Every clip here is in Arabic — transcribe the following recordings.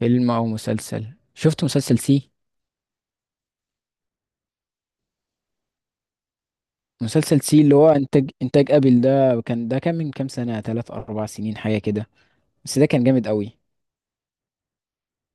فيلم او مسلسل. شفت مسلسل سي؟ مسلسل سي اللي هو انتاج ابل. ده كان من كام سنة، ثلاث اربع سنين حاجة كده. بس ده كان جامد قوي.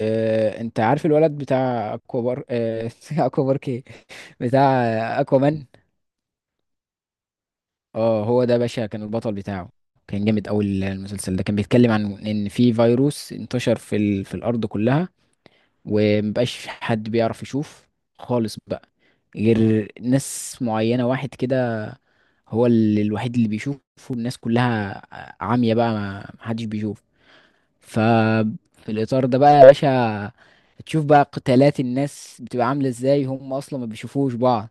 انت عارف الولد بتاع اكوا بار؟ اكوا بارك ايه، بتاع اكوا مان. اه هو ده باشا كان البطل بتاعه. كان جامد قوي. المسلسل ده كان بيتكلم عن ان في فيروس انتشر في الارض كلها، ومبقاش حد بيعرف يشوف خالص بقى، غير ناس معينة. واحد كده هو الوحيد اللي بيشوفه، الناس كلها عامية بقى، ما محدش بيشوف. ففي الإطار ده بقى يا باشا، تشوف بقى قتالات الناس بتبقى عاملة ازاي، هم أصلا ما بيشوفوش بعض.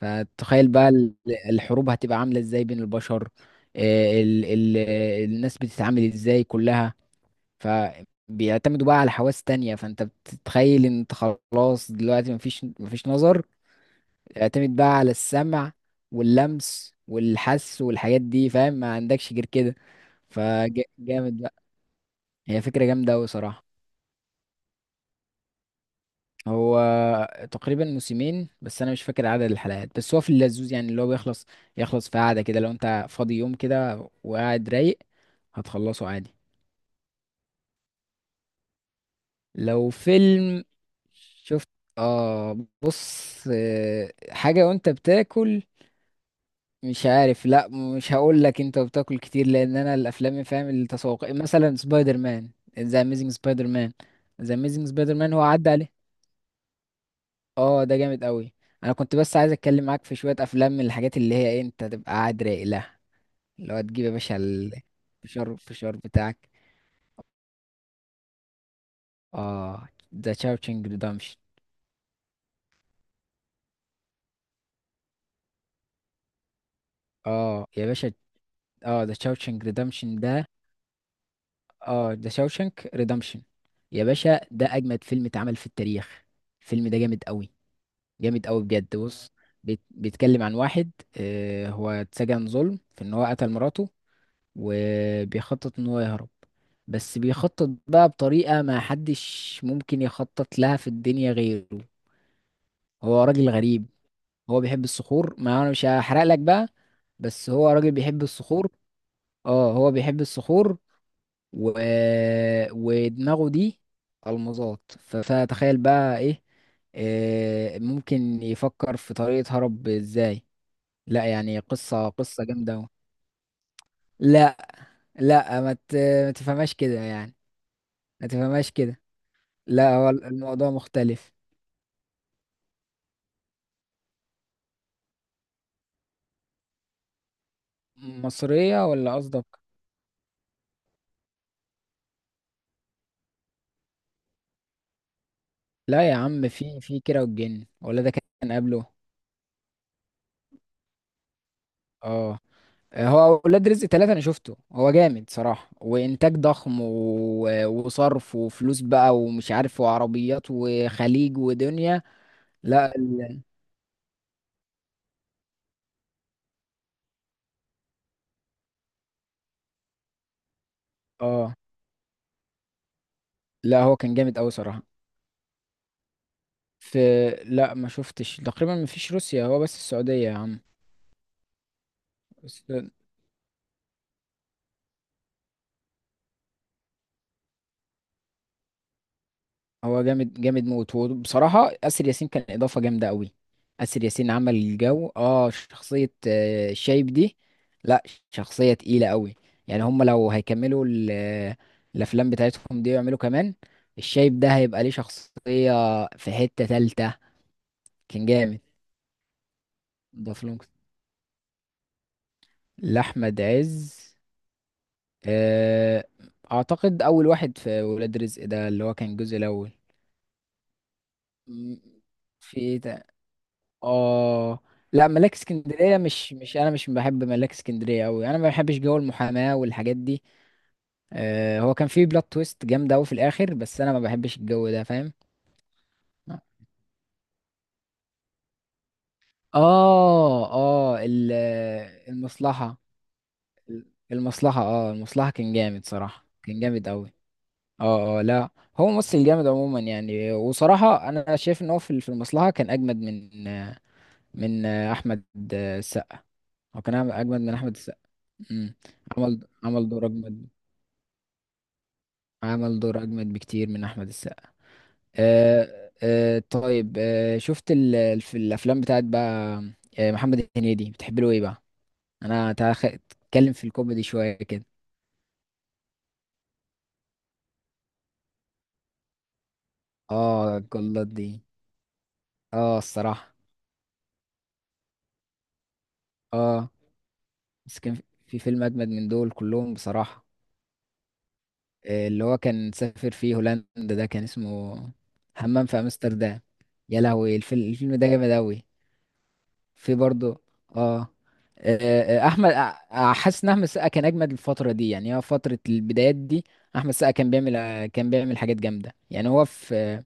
فتخيل بقى الحروب هتبقى عاملة ازاي بين البشر، آه، ال ال الناس بتتعامل ازاي كلها. فبيعتمدوا بقى على حواس تانية. فانت بتتخيل ان انت خلاص دلوقتي مفيش نظر، تعتمد بقى على السمع واللمس والحس والحاجات دي، فاهم؟ ما عندكش غير كده. فجامد بقى. هي فكرة جامدة أوي صراحة. هو تقريبا موسمين، بس أنا مش فاكر عدد الحلقات. بس هو في اللذوذ يعني، اللي هو بيخلص يخلص في قعدة كده. لو أنت فاضي يوم كده وقاعد رايق هتخلصه عادي. لو فيلم شفت، آه بص، حاجة وأنت بتاكل؟ مش عارف، لا، مش هقول لك انت بتاكل كتير، لان انا الافلام فاهم التسوق، مثلا سبايدر مان، ذا اميزنج سبايدر مان. ذا اميزنج سبايدر مان هو عدى عليه. اه ده جامد قوي. انا كنت بس عايز اتكلم معاك في شويه افلام من الحاجات اللي هي انت تبقى قاعد رايق لها. اللي هو تجيب يا باشا الفشار بتاعك. اه ذا تشاوشنج ريدمشن. اه يا باشا، اه ذا تشاوشنج ريدمشن ده. اه ذا تشاوشنج ريدمشن يا باشا، ده اجمد فيلم اتعمل في التاريخ. الفيلم ده جامد قوي، جامد قوي بجد. بص، بيتكلم عن واحد هو اتسجن ظلم في ان هو قتل مراته، وبيخطط ان هو يهرب. بس بيخطط بقى بطريقة ما حدش ممكن يخطط لها في الدنيا غيره. هو راجل غريب، هو بيحب الصخور. ما انا مش هحرق لك بقى، بس هو راجل بيحب الصخور. اه هو بيحب الصخور و... ودماغه دي المظات، فتخيل بقى ايه، ممكن يفكر في طريقة هرب ازاي. لا يعني قصة جامدة أوي. لا، لا، ما تفهمهاش كده يعني، ما تفهمهاش كده. لا هو الموضوع مختلف. مصرية ولا قصدك؟ لا يا عم، في في كيرة والجن ولا ده؟ كان قبله. اه هو ولاد رزق ثلاثة أنا شفته، هو جامد صراحة، وإنتاج ضخم وصرف وفلوس بقى ومش عارف، وعربيات وخليج ودنيا. لا ال... اه لا، هو كان جامد أوي صراحة. في لا ما شفتش، تقريبا ما فيش روسيا، هو بس السعودية يا عم. بس هو جامد جامد موت، وبصراحة آسر ياسين كان إضافة جامدة قوي. آسر ياسين عمل الجو، اه شخصية شايب دي. لا شخصية تقيلة قوي. يعني هم لو هيكملوا الأفلام بتاعتهم دي ويعملوا كمان، الشايب ده هيبقى ليه شخصية في حتة تالتة. كان جامد. ضاف لهم. لأحمد عز، آه، أعتقد أول واحد في ولاد رزق ده، اللي هو كان الجزء الأول. م- في إيه؟ اه لا، ملاك اسكندريه مش، مش انا مش بحب ملاك اسكندريه قوي، انا ما بحبش جو المحاماه والحاجات دي. آه هو كان فيه بلوت تويست جامده قوي في الاخر، بس انا ما بحبش الجو ده، فاهم؟ اه اه المصلحه. المصلحه، اه المصلحه كان جامد صراحه، كان جامد قوي. اه، اه لا، هو ممثل جامد عموما يعني. وصراحه انا شايف ان هو في في المصلحه كان اجمد من، من احمد السقا. هو كان اجمد من احمد السقا. مم. عمل، عمل دور اجمد، عمل دور اجمد بكتير من احمد السقا. أه، أه طيب، أه شفت في الافلام بتاعت بقى، محمد هنيدي بتحب له ايه بقى. انا تعال اتكلم في الكوميدي شويه كده. اه الجلاد دي. اه الصراحه، اه بس كان في فيلم اجمد من دول كلهم بصراحه، اللي هو كان سافر فيه هولندا، ده كان اسمه همام في امستردام. يا لهوي، الفيلم ده جامد اوي. في برضه اه، آه، آه، آه، احمد آه، آه، حاسس ان احمد السقا كان اجمد الفتره دي، يعني هو فتره البدايات دي. احمد السقا كان بيعمل، كان بيعمل حاجات جامده يعني. هو في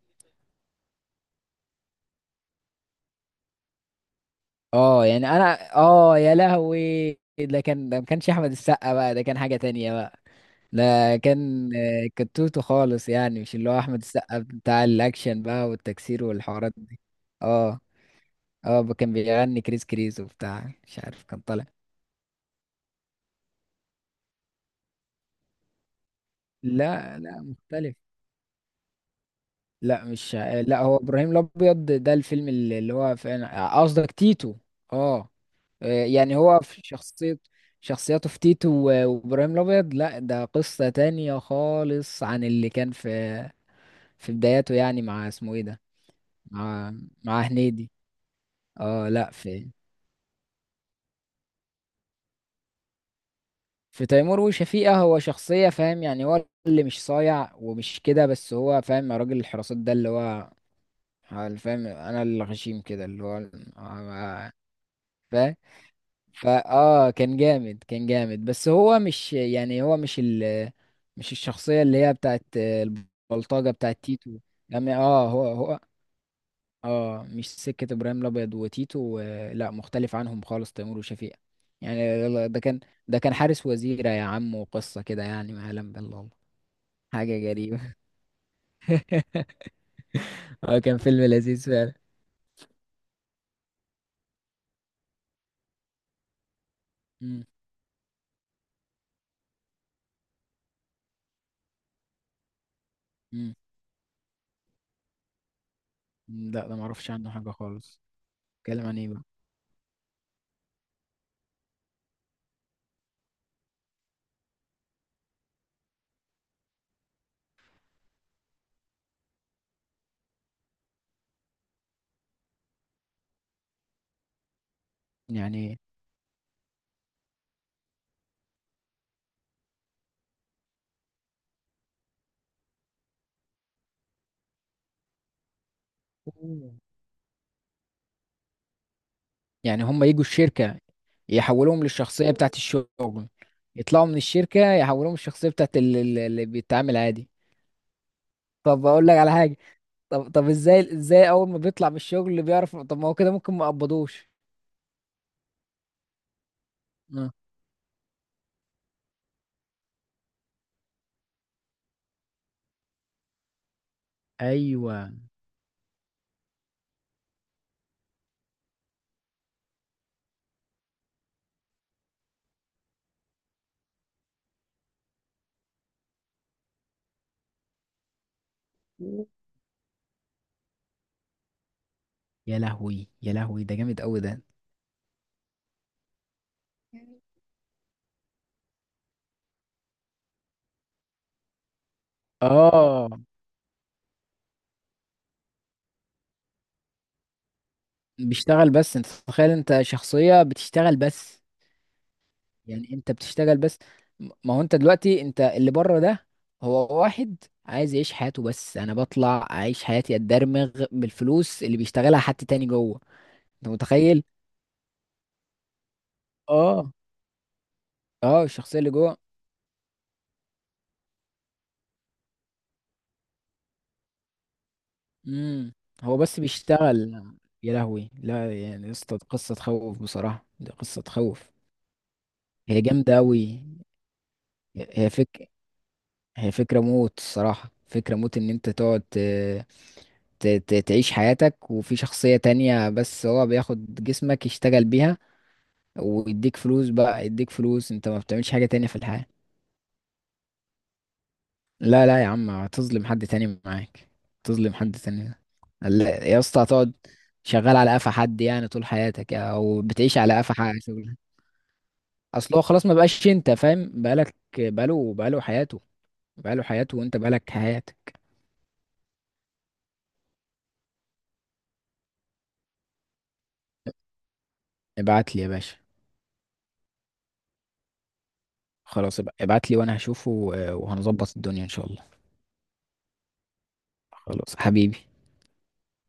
اه، يعني انا اه، يا لهوي، ده كان، ده ما كانش احمد السقا بقى، ده كان حاجه تانية بقى. ده كان كتوته خالص يعني، مش اللي هو احمد السقا بتاع الاكشن بقى والتكسير والحوارات دي. اه اه كان بيغني كريس كريس وبتاع مش عارف كان طالع. لا لا مختلف. لا مش، لا هو ابراهيم الابيض ده الفيلم اللي هو فعلا قصدك تيتو. اه، يعني هو في شخصية، شخصياته في تيتو وابراهيم الابيض، لا ده قصة تانية خالص عن اللي كان في في بداياته يعني، مع اسمه ايه ده، مع، مع هنيدي. اه لا، في في تيمور وشفيقة هو شخصية فاهم يعني، هو اللي مش صايع ومش كده، بس هو فاهم راجل الحراسات ده اللي هو فاهم، انا اللي غشيم كده اللي هو فاهم. فا اه، كان جامد، كان جامد، بس هو مش يعني، هو مش ال، مش الشخصية اللي هي بتاعت البلطجة بتاعت تيتو. يعني اه، هو اه مش سكة ابراهيم الابيض وتيتو، آه لا مختلف عنهم خالص تيمور وشفيقة. يعني يلا ده كان، ده كان حارس وزيرة يا عم وقصة كده يعني ما يعلم بالله الله. حاجة غريبة. اه كان فيلم لذيذ فعلا. مم، مم. لا ده معرفش عنه حاجة خالص. اتكلم عن ايه بقى؟ يعني ايه يعني، هم يجوا الشركة يحولوهم للشخصية بتاعت الشغل، يطلعوا من الشركة يحولوهم الشخصية بتاعت اللي بيتعامل عادي. طب اقول لك على حاجة، طب ازاي، ازاي اول ما بيطلع من الشغل اللي بيعرف؟ طب ما هو كده ممكن ما يقبضوش. آه. ايوه. يا لهوي، يا لهوي ده جامد قوي ده. اه بيشتغل بس؟ انت تتخيل انت شخصية بتشتغل بس، يعني انت بتشتغل بس. ما هو انت دلوقتي انت اللي بره ده، هو واحد عايز يعيش حياته، بس انا بطلع اعيش حياتي اتدرمغ بالفلوس اللي بيشتغلها حد تاني جوه. انت متخيل؟ اه. اه الشخصيه اللي جوه، امم، هو بس بيشتغل. يا لهوي لا، يعني يا اسطى قصه تخوف بصراحه، دي قصه تخوف. هي جامده قوي. هي فك هي فكرة موت الصراحة، فكرة موت ان انت تقعد تعيش حياتك وفي شخصية تانية، بس هو بياخد جسمك يشتغل بيها ويديك فلوس بقى، يديك فلوس، انت ما بتعملش حاجة تانية في الحياة. لا لا يا عم، هتظلم حد تاني معاك، تظلم حد تاني. لا، يا اسطى هتقعد شغال على قفا حد يعني طول حياتك، او بتعيش على قفا حد شغل. اصل هو خلاص ما بقاش، انت فاهم، بقالك، بقاله حياته، بقاله حياته وانت بقالك حياتك. ابعت لي يا باشا. خلاص ابعت لي وانا هشوفه، وهنظبط الدنيا ان شاء الله. خلاص حبيبي.